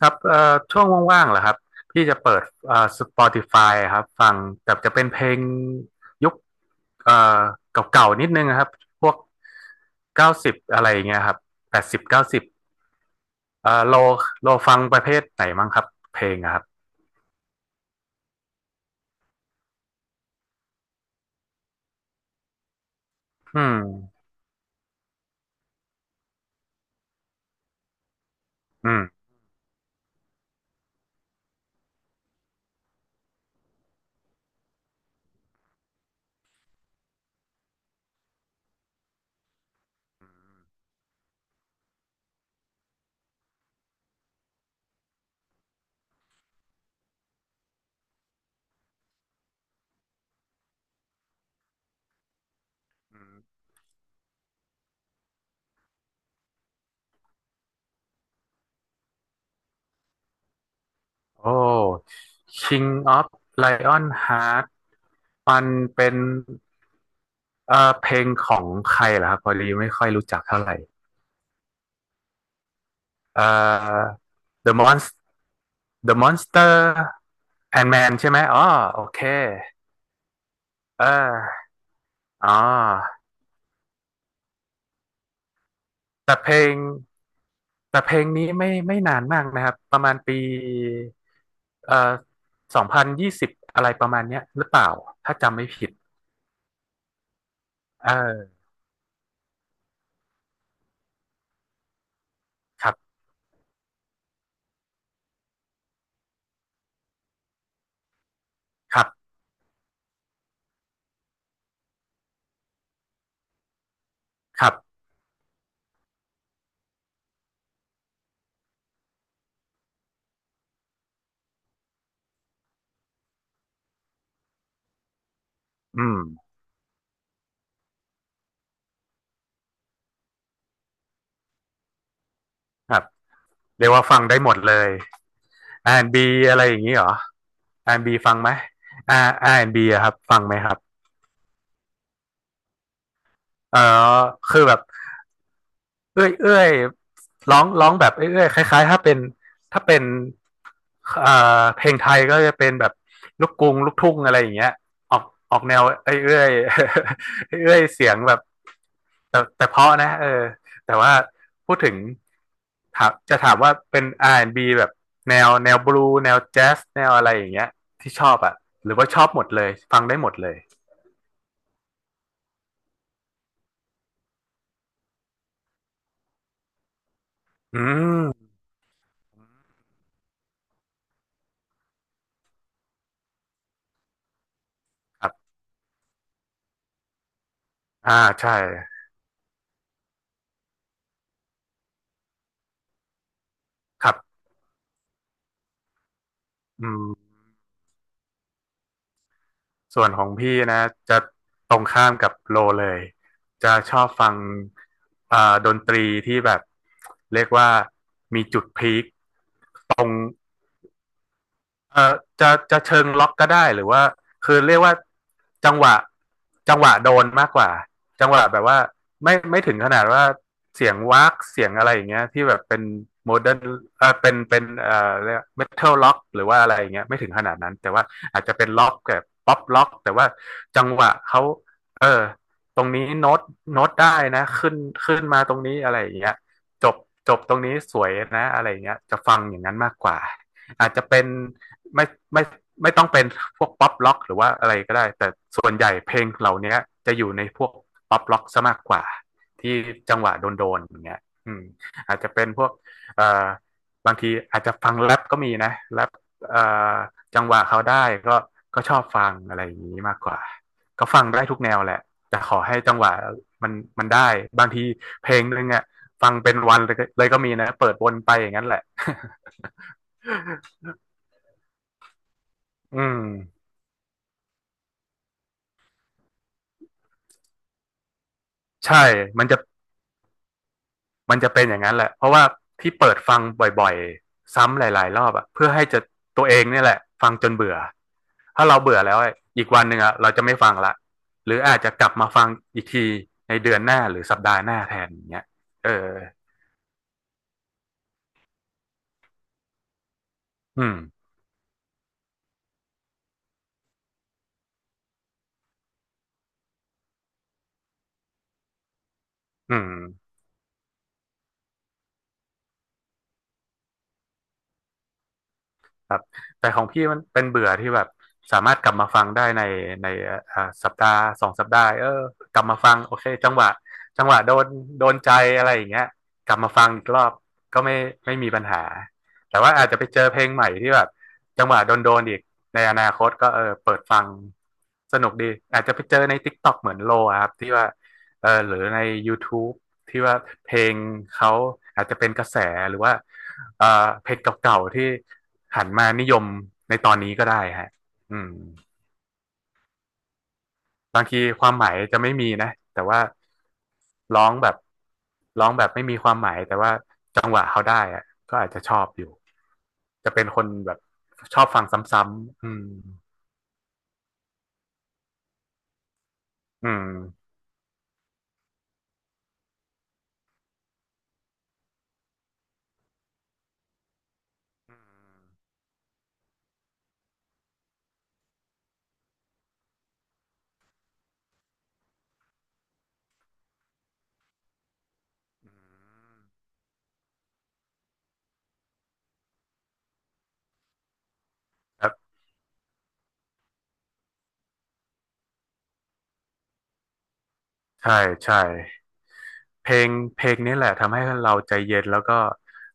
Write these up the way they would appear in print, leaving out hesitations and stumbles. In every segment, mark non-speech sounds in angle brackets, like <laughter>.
ครับช่วงว่างๆเหรอครับพี่จะเปิดSpotify ครับฟังแต่จะเป็นเพลงยุคเอ่อเก่าๆ นิดนึงนะครับพวกเก้าสิบอะไรอย่างเงี้ยครับแปดสิบเก้าสิบเอ่อโลโลฟังประเภทไหนมั้งครับเพลงอะครับอืมอืมโอ้ King of Lion Heart มันเป็นเพลงของใครเหรอครับพอดีไม่ค่อยรู้จักเท่าไหร่เอ่อ The Monster The Monster Ant-Man ใช่ไหมอ๋อโอเคเอออ๋อแต่เพลงแต่เพลงนี้ไม่นานมากนะครับ ประมาณปีเอ่อสองพันยี่สิบอะไรประมาณเนี้ยหรือเปล่า ถ้าจำไม่ผิดเออครับครับครับอืมครับ เรียกว่าฟังได้หมดเลย R&B อนด์บีอะไรอย่างนี้เหรอ R&B ฟังไหม R&B อนด์บีอะครับฟังไหมครับเออคือแบบ เอ้ยร้องแบบเอ้ยเอยคล้ายๆถ้าเป็นเพลงไทยก็จะเป็นแบบลูกกรุงลูกทุ่งอะไรอย่างเงี้ยออกออกแนวเอ้ยเอ้ย <laughs> เอยเอ้ยเสียงแบบแต่เพราะนะเออแต่ว่าพูดถึงถามว่าเป็นอาร์แอนด์บ b แบบแนวบลูแนวแจ๊สแนวอะไรอย่างเงี้ยที่ชอบอ่ะหรือว่าชอบหมดเลยฟังได้หมดเลยอืมครับอ่าใช่ครับอืม ส่วนของพี่นะจะตรงข้ามกับโลเลยจะชอบฟังอ่าดนตรีที่แบบเรียกว่ามีจุดพีค เอ่อจะเชิงล็อกก็ได้หรือว่าคือเรียกว่าจังหวะจังหวะโดนมากกว่าจังหวะแบบว่าไม่ถึงขนาดว่าเสียงวากเสียงอะไรอย่างเงี้ยที่แบบเป็นโมเดิร์นเออเป็นเรียกเมทัลล็อกหรือว่าอะไรอย่างเงี้ยไม่ถึงขนาดนั้นแต่ว่าอาจจะเป็นล็อกแบบป๊อปล็อกแต่ว่าจังหวะเขาเออตรงนี้โน้ตได้นะขึ้นมาตรงนี้อะไรอย่างเงี้ยจบจบตรงนี้สวยนะอะไรอย่างเงี้ยจะฟังอย่างนั้นมากกว่าอาจจะเป็น ไม่ไม่ไม่ต้องเป็น <laughs> พวกป๊อปล็อกหรือว่าอะไรก็ได้แต่ส่วนใหญ่เพลงเหล่านี้จะอยู่ในพวกป๊อปล็อกซะมากกว่าที่จังหวะโดนๆอย่างเงี้ยอืมอาจจะเป็นพวกเอ่อบางทีอาจจะฟังแรปก็มีนะแรปเอ่อจังหวะเขาได้ก็ชอบฟังอะไรอย่างนี้มากกว่าก็ฟังได้ทุกแนวแหละแต่ขอให้จังหวะมันมันได้บางทีเพลงนึงอ่ะฟังเป็นวันเลยก็มีนะเปิดวนไปอย่างนั้นแหละ <laughs> อืม ใช่มันจะมันจะเป็นอย่างนั้นแหละ เพราะว่าที่เปิดฟังบ่อยๆ ซ้ำหลายๆรอบอะเพื่อให้จะตัวเองเนี่ยแหละฟังจนเบื่อ ถ้าเราเบื่อแล้วอะอีกวันหนึ่งอะเราจะไม่ฟังละหรืออาจจะกลับมาฟังอีกทีในเดือนหน้าหรือสัปดาห์หน้าแทนอย่างเงี้ยเอออืมอืม ครับแต่ของพี่มันเป็นเบื่อที่แบบสามารถกลับมาฟังได้ในอ่าสัปดาห์สองสัปดาห์เออกลับมาฟังโอเคจังหวะโดนใจอะไรอย่างเงี้ยกลับมาฟังอีกรอบก็ไม่มีปัญหาแต่ว่าอาจจะไปเจอเพลงใหม่ที่แบบจังหวะโดนอีกในอนาคตก็เออเปิดฟังสนุกดีอาจจะไปเจอใน TikTok เหมือนโลอะครับที่ว่าเออหรือใน YouTube ที่ว่าเพลงเขาอาจจะเป็นกระแสหรือว่าเออเพลงเก่าๆที่ หันมานิยมในตอนนี้ก็ได้ฮะอืมบางทีความหมายจะไม่มีนะแต่ว่าร้องแบบร้องแบบไม่มีความหมายแต่ว่าจังหวะเขาได้อะก็อาจจะชอบอยู่ จะเป็นคนแบบชอบฟังซ้ำๆอืมอืมครับใช่ใช่ เพลงเพลงนี้แหละทำให้เราใจเย็นแล้วก็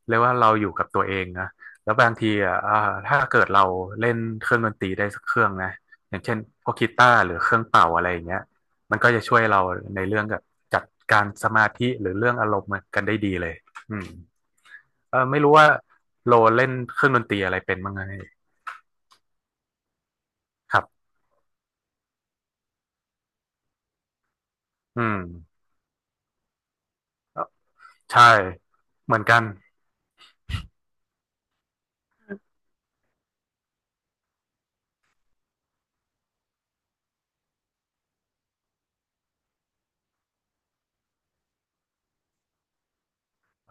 เรียกว่าเราอยู่กับตัวเองนะแล้วบางทีอ่ะถ้าเกิดเราเล่นเครื่องดนตรีได้สักเครื่องนะอย่างเช่นพวกกีตาร์หรือเครื่องเป่าอะไรอย่างเงี้ยมันก็จะช่วยเราในเรื่องกับจัดการสมาธิหรือเรื่องอารมณ์กันได้ดีเลยอืมเออไม่รู้ว่าโลเล่นเครื่องดนตรีอะไรเป็นบ้างไงครับอืมเอ่อใช่เหมือนกัน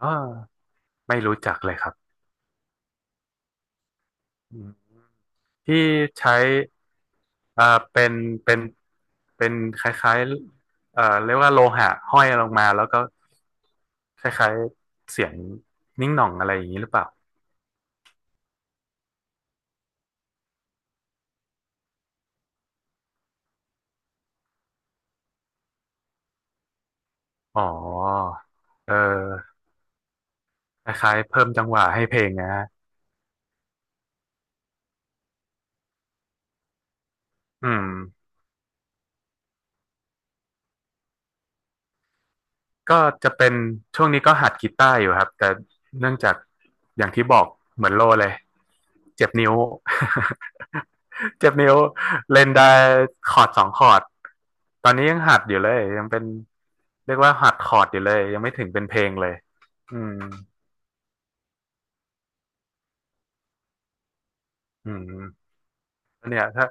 เอ่ไม่รู้จักเลยครับอืมที่ใช้ อ่าเป็นเป็นเป็นคล้ายๆเรียกว่าโลหะห้อยลงมาแล้วก็คล้ายๆเสียงนิ้งหน่องอะไรอย่างนี้หรือเปล่าอ๋อเออคล้ายๆเพิ่มจังหวะให้เพลงนะฮะอืม ก็จะเป็นช่วงนี้ก็หัดกีตาร์อยู่ครับแต่เนื่องจากอย่างที่บอกเหมือนโลเลยเจ็บนิ้ว <laughs> เจ็บนิ้วเล่นได้คอร์ดสองคอร์ดตอนนี้ยังหัดอยู่เลยยังเป็นเรียกว่าหัดคอร์ดอยู่เลยยังไม่ถึงเป็นเพลงเลยอืมอืมเนี่ยถ้า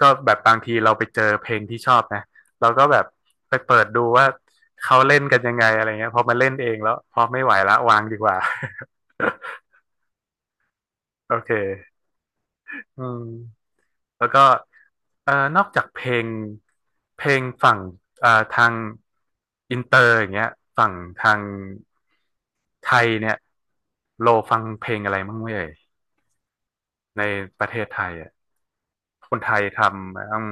ก็แบบบางทีเราไปเจอเพลงที่ชอบนะเราก็แบบไปเปิดดูว่าเขาเล่นกันยังไงอะไรเงี้ยพอมาเล่นเองแล้วพอไม่ไหวละวางดีกว่า <laughs> โอเค อืมแล้วก็นอกจากเพลงฝั่งทางอินเตอร์อย่างเงี้ยฝั่งทางไทยเนี่ยโลฟังเพลงอะไรบ้างไหมเอ่ยในประเทศไทยอ่ะคนไทยทำอืม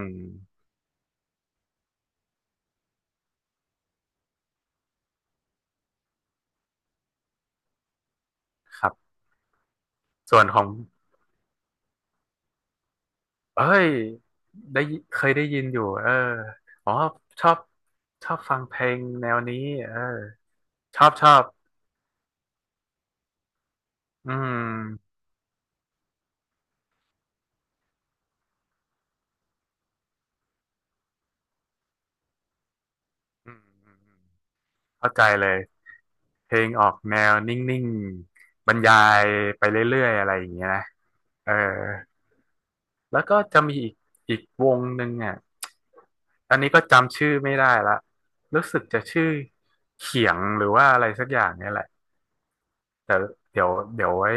ครับส่วนของเอ้ยได้ยิเคยได้ยินอยู่เอออ๋อชอบชอบฟังเพลงแนวนี้เออชอบอืมอืมอืมอืมเข้าใจเลย เพลงออกแนวนิ่งๆบรรยายไปเรื่อยๆอะไรอย่างเงี้ยนะเออแล้วก็จะมีอีกวงหนึ่งอ่ะอันนี้ก็จำชื่อไม่ได้ละรู้สึกจะชื่อเขียงหรือว่าอะไรสักอย่างเนี่ยแหละแต่เดี๋ยวไว้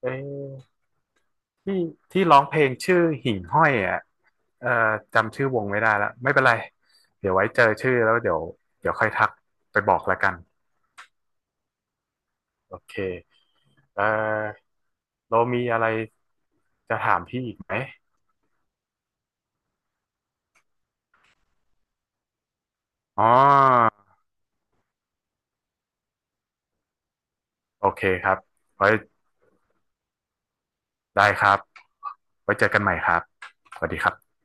เอ้ยที่ที่ร้องเพลงชื่อหิ่งห้อยอ่ะเอ่อจำชื่อวงไม่ได้ละไม่เป็นไรเดี๋ยวไว้เจอชื่อแล้วเดี๋ยวค่อยทักไปบอกละกัน โอเคเอ่อเรามีอะไร จะถามพี่อีกไหมอ๋อโอเคครับไว้ได้ครับไว้เจอกันใหม่ครับสวัสดีครับ